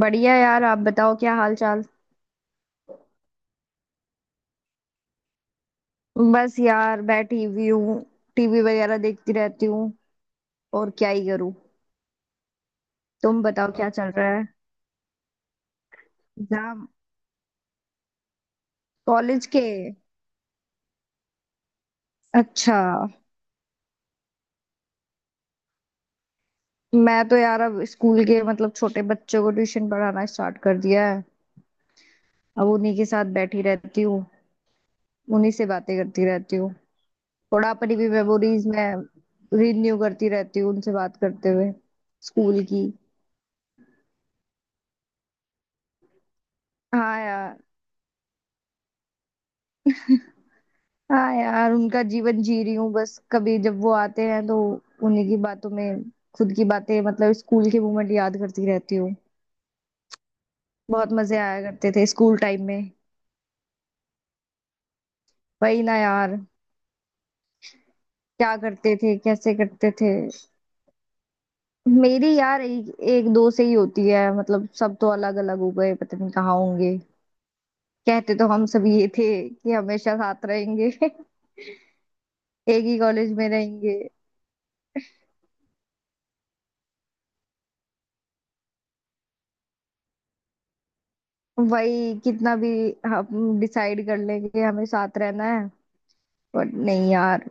बढ़िया यार। आप बताओ क्या हाल चाल। बस यार बैठी हुई हूँ। टीवी वगैरह देखती रहती हूँ। और क्या ही करूँ। तुम बताओ क्या चल रहा है। एग्जाम कॉलेज के। अच्छा मैं तो यार अब स्कूल के मतलब छोटे बच्चों को ट्यूशन पढ़ाना स्टार्ट कर दिया है। अब उन्हीं के साथ बैठी रहती हूँ। उन्हीं से बातें करती रहती हूँ। थोड़ा अपनी भी मेमोरीज में रिन्यू करती रहती हूँ उनसे बात करते हुए, स्कूल की। हाँ यार। हाँ यार उनका जीवन जी रही हूँ बस, कभी जब वो आते हैं तो उन्हीं की बातों में खुद की बातें मतलब स्कूल के मोमेंट याद करती रहती हूँ। बहुत मजे आया करते थे स्कूल टाइम में। वही ना यार। क्या करते थे, कैसे करते थे। मेरी यार एक दो से ही होती है, मतलब सब तो अलग अलग हो गए, पता नहीं कहाँ होंगे। कहते तो हम सब ये थे कि हमेशा साथ रहेंगे एक ही कॉलेज में रहेंगे। वही कितना भी हम डिसाइड कर लेंगे हमें साथ रहना है, पर नहीं यार।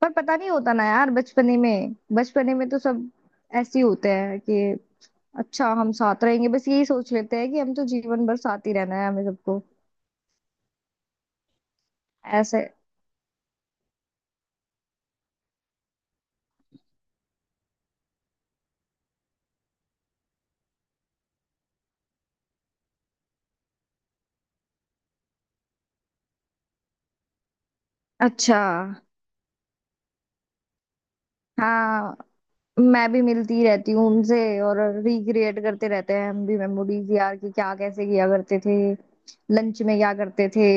पर पता नहीं होता ना यार, बचपने में तो सब ऐसे ही होते हैं कि अच्छा हम साथ रहेंगे। बस यही सोच लेते हैं कि हम तो जीवन भर साथ ही रहना है हमें सबको ऐसे। अच्छा। हाँ, मैं भी मिलती रहती हूँ उनसे। और रिक्रिएट करते रहते हैं हम भी मेमोरीज यार, कि क्या कैसे किया करते थे, लंच में क्या करते थे,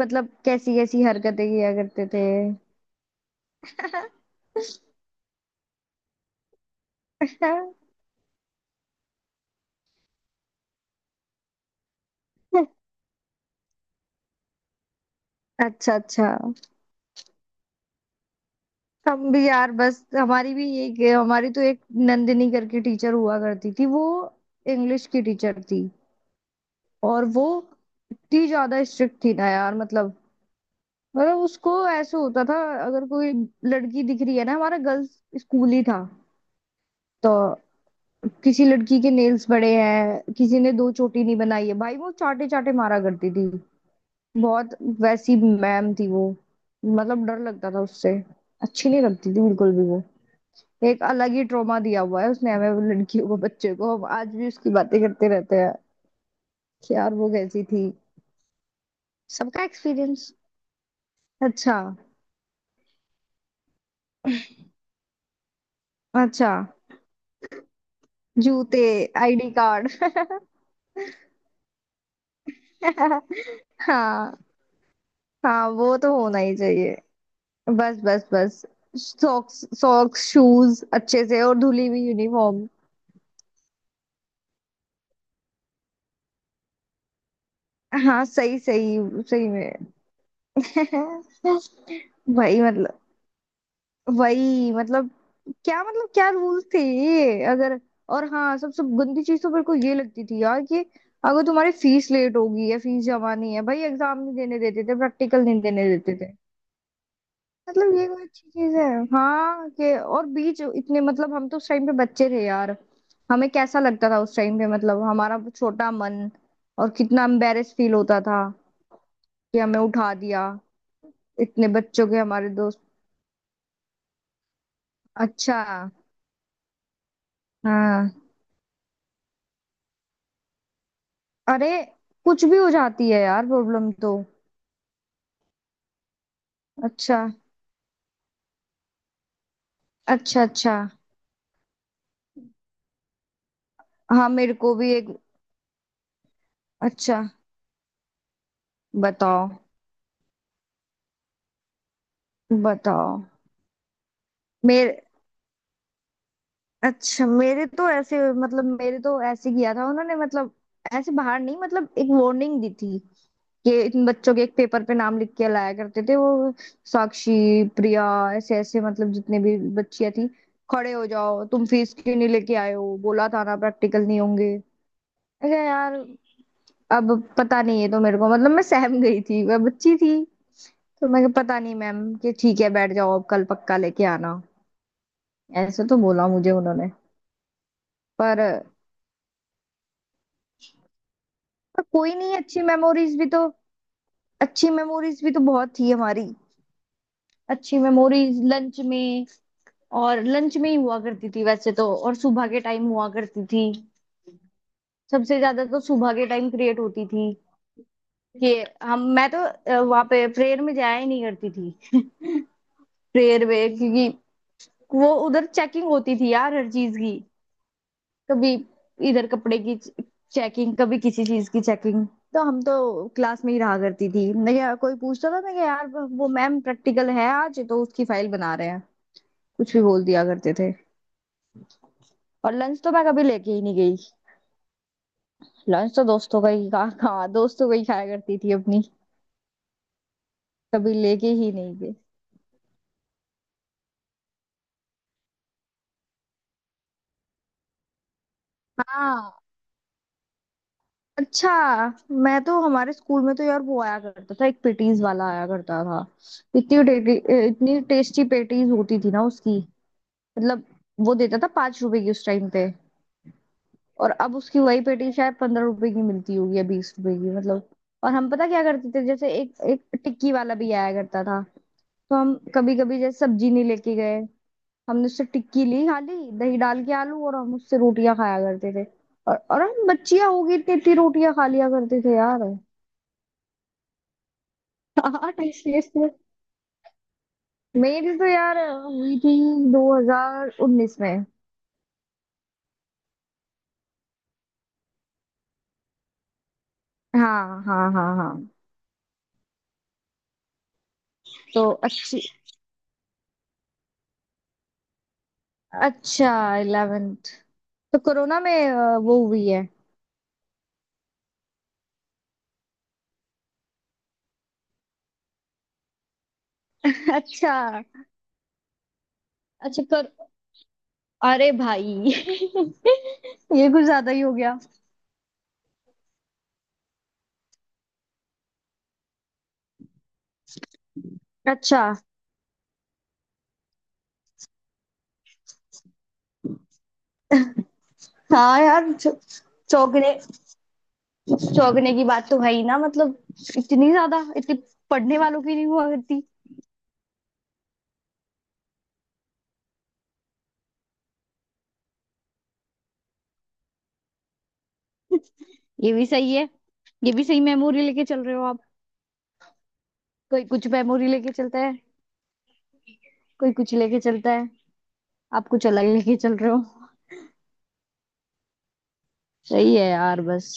मतलब कैसी कैसी हरकतें किया करते थे। अच्छा अच्छा। हम भी यार बस, हमारी भी यही, हमारी तो एक नंदिनी करके टीचर हुआ करती थी वो। इंग्लिश की टीचर थी। और वो इतनी ज्यादा स्ट्रिक्ट थी ना यार मतलब। मतलब उसको ऐसे होता था, अगर कोई लड़की दिख रही है ना, हमारा गर्ल्स स्कूल ही था तो, किसी लड़की के नेल्स बड़े हैं, किसी ने दो चोटी नहीं बनाई है, भाई वो चाटे चाटे मारा करती थी बहुत। वैसी मैम थी वो। मतलब डर लगता था उससे। अच्छी नहीं लगती थी बिल्कुल भी वो। एक अलग ही ट्रॉमा दिया हुआ है उसने हमें, वो लड़कियों को, बच्चे को, हम आज भी उसकी बातें करते रहते हैं कि यार वो कैसी थी। सबका एक्सपीरियंस। अच्छा अच्छा। जूते, आईडी कार्ड। हाँ। हाँ वो तो होना ही चाहिए। बस बस बस, सॉक्स सॉक्स शूज अच्छे से और धुली हुई यूनिफॉर्म। हाँ सही सही। सही में। भाई मतलब वही, मतलब क्या, मतलब क्या रूल थे ये अगर। और हाँ, सबसे गंदी चीज तो मेरे को ये लगती थी यार कि अगर तुम्हारी फीस लेट होगी या फीस जमा नहीं है, भाई एग्जाम नहीं देने देते थे, प्रैक्टिकल नहीं देने देते थे। मतलब ये कोई अच्छी चीज है। हाँ के और बीच इतने, मतलब हम तो उस टाइम पे बच्चे थे यार, हमें कैसा लगता था उस टाइम पे, मतलब हमारा छोटा मन। और कितना एम्बेरेस फील होता था कि हमें उठा दिया इतने बच्चों के, हमारे दोस्त। अच्छा। हाँ। अरे कुछ भी हो जाती है यार प्रॉब्लम तो। अच्छा अच्छा। अच्छा। हाँ मेरे को भी एक। अच्छा। बताओ बताओ। मेरे, अच्छा मेरे तो ऐसे, मतलब मेरे तो ऐसे किया था उन्होंने, मतलब ऐसे बाहर नहीं, मतलब एक वार्निंग दी थी कि इन बच्चों के एक पेपर पे नाम लिख के लाया करते थे वो। साक्षी, प्रिया, ऐसे ऐसे मतलब जितने भी बच्चियां थी, खड़े हो जाओ तुम फीस क्यों नहीं लेके आए हो, बोला था ना प्रैक्टिकल नहीं होंगे। अरे यार अब पता नहीं है तो, मेरे को मतलब मैं सहम गई थी, मैं बच्ची थी। तो मैं कहा, पता नहीं मैम, कि ठीक है बैठ जाओ अब कल पक्का लेके आना। ऐसे तो बोला मुझे उन्होंने। पर, पर कोई नहीं अच्छी मेमोरीज भी तो, अच्छी मेमोरीज भी तो बहुत थी हमारी। अच्छी मेमोरीज लंच में। और लंच में ही हुआ करती थी वैसे तो, और सुबह के टाइम हुआ करती थी। सबसे ज्यादा तो सुबह के टाइम क्रिएट होती थी कि हम, मैं तो वहां पे प्रेयर में जाया ही नहीं करती थी। प्रेयर में क्योंकि वो उधर चेकिंग होती थी यार हर चीज की। कभी इधर कपड़े की चेकिंग, कभी किसी चीज की चेकिंग। तो हम तो क्लास में ही रहा करती थी। मैं क्या, कोई पूछता था मैं क्या यार, वो मैम प्रैक्टिकल है आज तो उसकी फाइल बना रहे हैं, कुछ भी बोल दिया करते थे। और लंच तो मैं कभी लेके ही नहीं गई। लंच तो दोस्तों का ही खा खा दोस्तों का ही खाया करती थी अपनी। कभी लेके ही नहीं गई। हाँ। अच्छा मैं तो, हमारे स्कूल में तो यार वो आया करता था, एक पेटीज वाला आया करता था। इतनी टेस्टी पेटीज होती थी ना उसकी, मतलब। वो देता था पांच रुपए की उस टाइम पे। और अब उसकी वही पेटी शायद पंद्रह रुपए की मिलती होगी या बीस रुपए की, मतलब। और हम पता क्या करते थे, जैसे एक एक टिक्की वाला भी आया करता था, तो हम कभी कभी जैसे सब्जी नहीं लेके गए, हमने उससे टिक्की ली खाली दही डाल के आलू, और हम उससे रोटियां खाया करते थे। और हम बच्चियां होगी, इतनी इतनी रोटियां खा लिया करते थे यार। हाँ टीसीएस में। मेरी तो यार हुई थी 2019 में। हाँ हाँ हाँ हाँ। तो अच्छी। अच्छा 11th, तो कोरोना में वो हुई है। अच्छा अच्छा कर, अरे भाई ये कुछ ज्यादा ही हो गया। अच्छा। हाँ यार, चौ- चौंकने चौंकने की बात तो है ही ना, मतलब इतनी ज्यादा, इतनी पढ़ने वालों की नहीं हुआ करती। ये भी सही है। ये भी सही मेमोरी लेके चल रहे हो। कोई कुछ मेमोरी लेके चलता है, कोई कुछ लेके चलता है, आप कुछ अलग लेके चल रहे हो। सही है यार। बस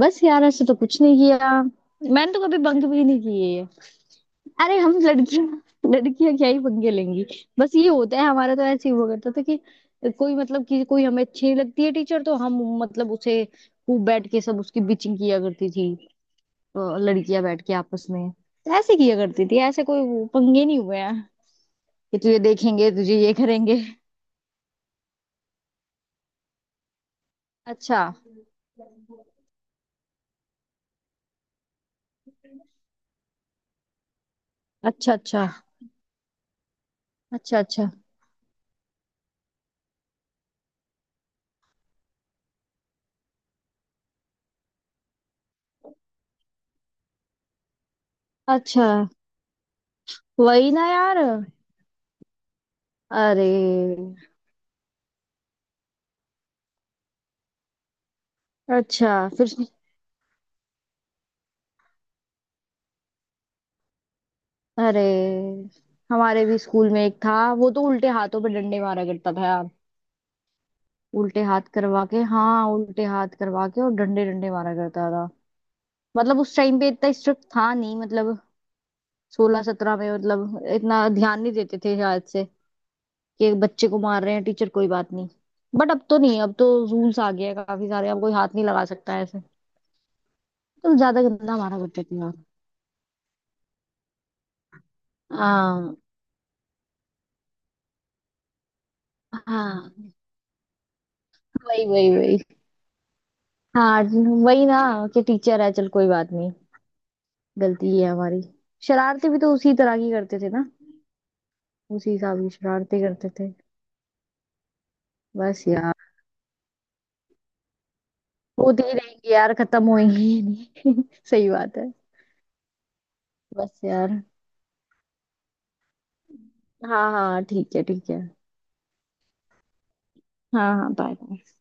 बस यार, ऐसे तो कुछ नहीं किया। मैंने तो कभी बंक भी नहीं किए है। अरे हम लड़कियां, लड़कियां क्या ही पंगे लेंगी। बस ये होता है हमारा, तो ऐसे ही हुआ करता था कि कोई, मतलब कि कोई हमें अच्छी नहीं लगती है टीचर तो हम मतलब उसे खूब बैठ के सब उसकी बिचिंग किया करती थी। लड़कियां बैठ के आपस में, तो ऐसे किया करती थी, ऐसे कोई वो पंगे नहीं हुए हैं कि तुझे देखेंगे तुझे ये करेंगे। अच्छा अच्छा। अच्छा अच्छा। अच्छा अच्छा। वही ना यार। अरे, अच्छा फिर। अरे हमारे भी स्कूल में एक था, वो तो उल्टे हाथों पे डंडे मारा करता था यार। उल्टे हाथ करवा के, हाँ उल्टे हाथ करवा के और डंडे डंडे मारा करता था। मतलब उस टाइम पे इतना स्ट्रिक्ट था नहीं मतलब, सोलह सत्रह में मतलब इतना ध्यान नहीं देते थे शायद से, कि एक बच्चे को मार रहे हैं टीचर कोई बात नहीं। बट अब तो नहीं, अब तो रूल्स आ गया है काफी सारे, अब कोई हाथ नहीं लगा सकता है। तुम ज्यादा गंदा मारा करते थे यार। आ, हाँ। वही वही वही। हाँ वही ना, कि टीचर है चल कोई बात नहीं, गलती ही है हमारी। शरारतें भी तो उसी तरह की करते थे ना, उसी हिसाब की शरारतें करते थे। बस यार, होती ही रहेंगी यार, खत्म होएंगी ही नहीं। सही बात है। बस यार। हाँ हाँ ठीक है ठीक है। हाँ हाँ बाय।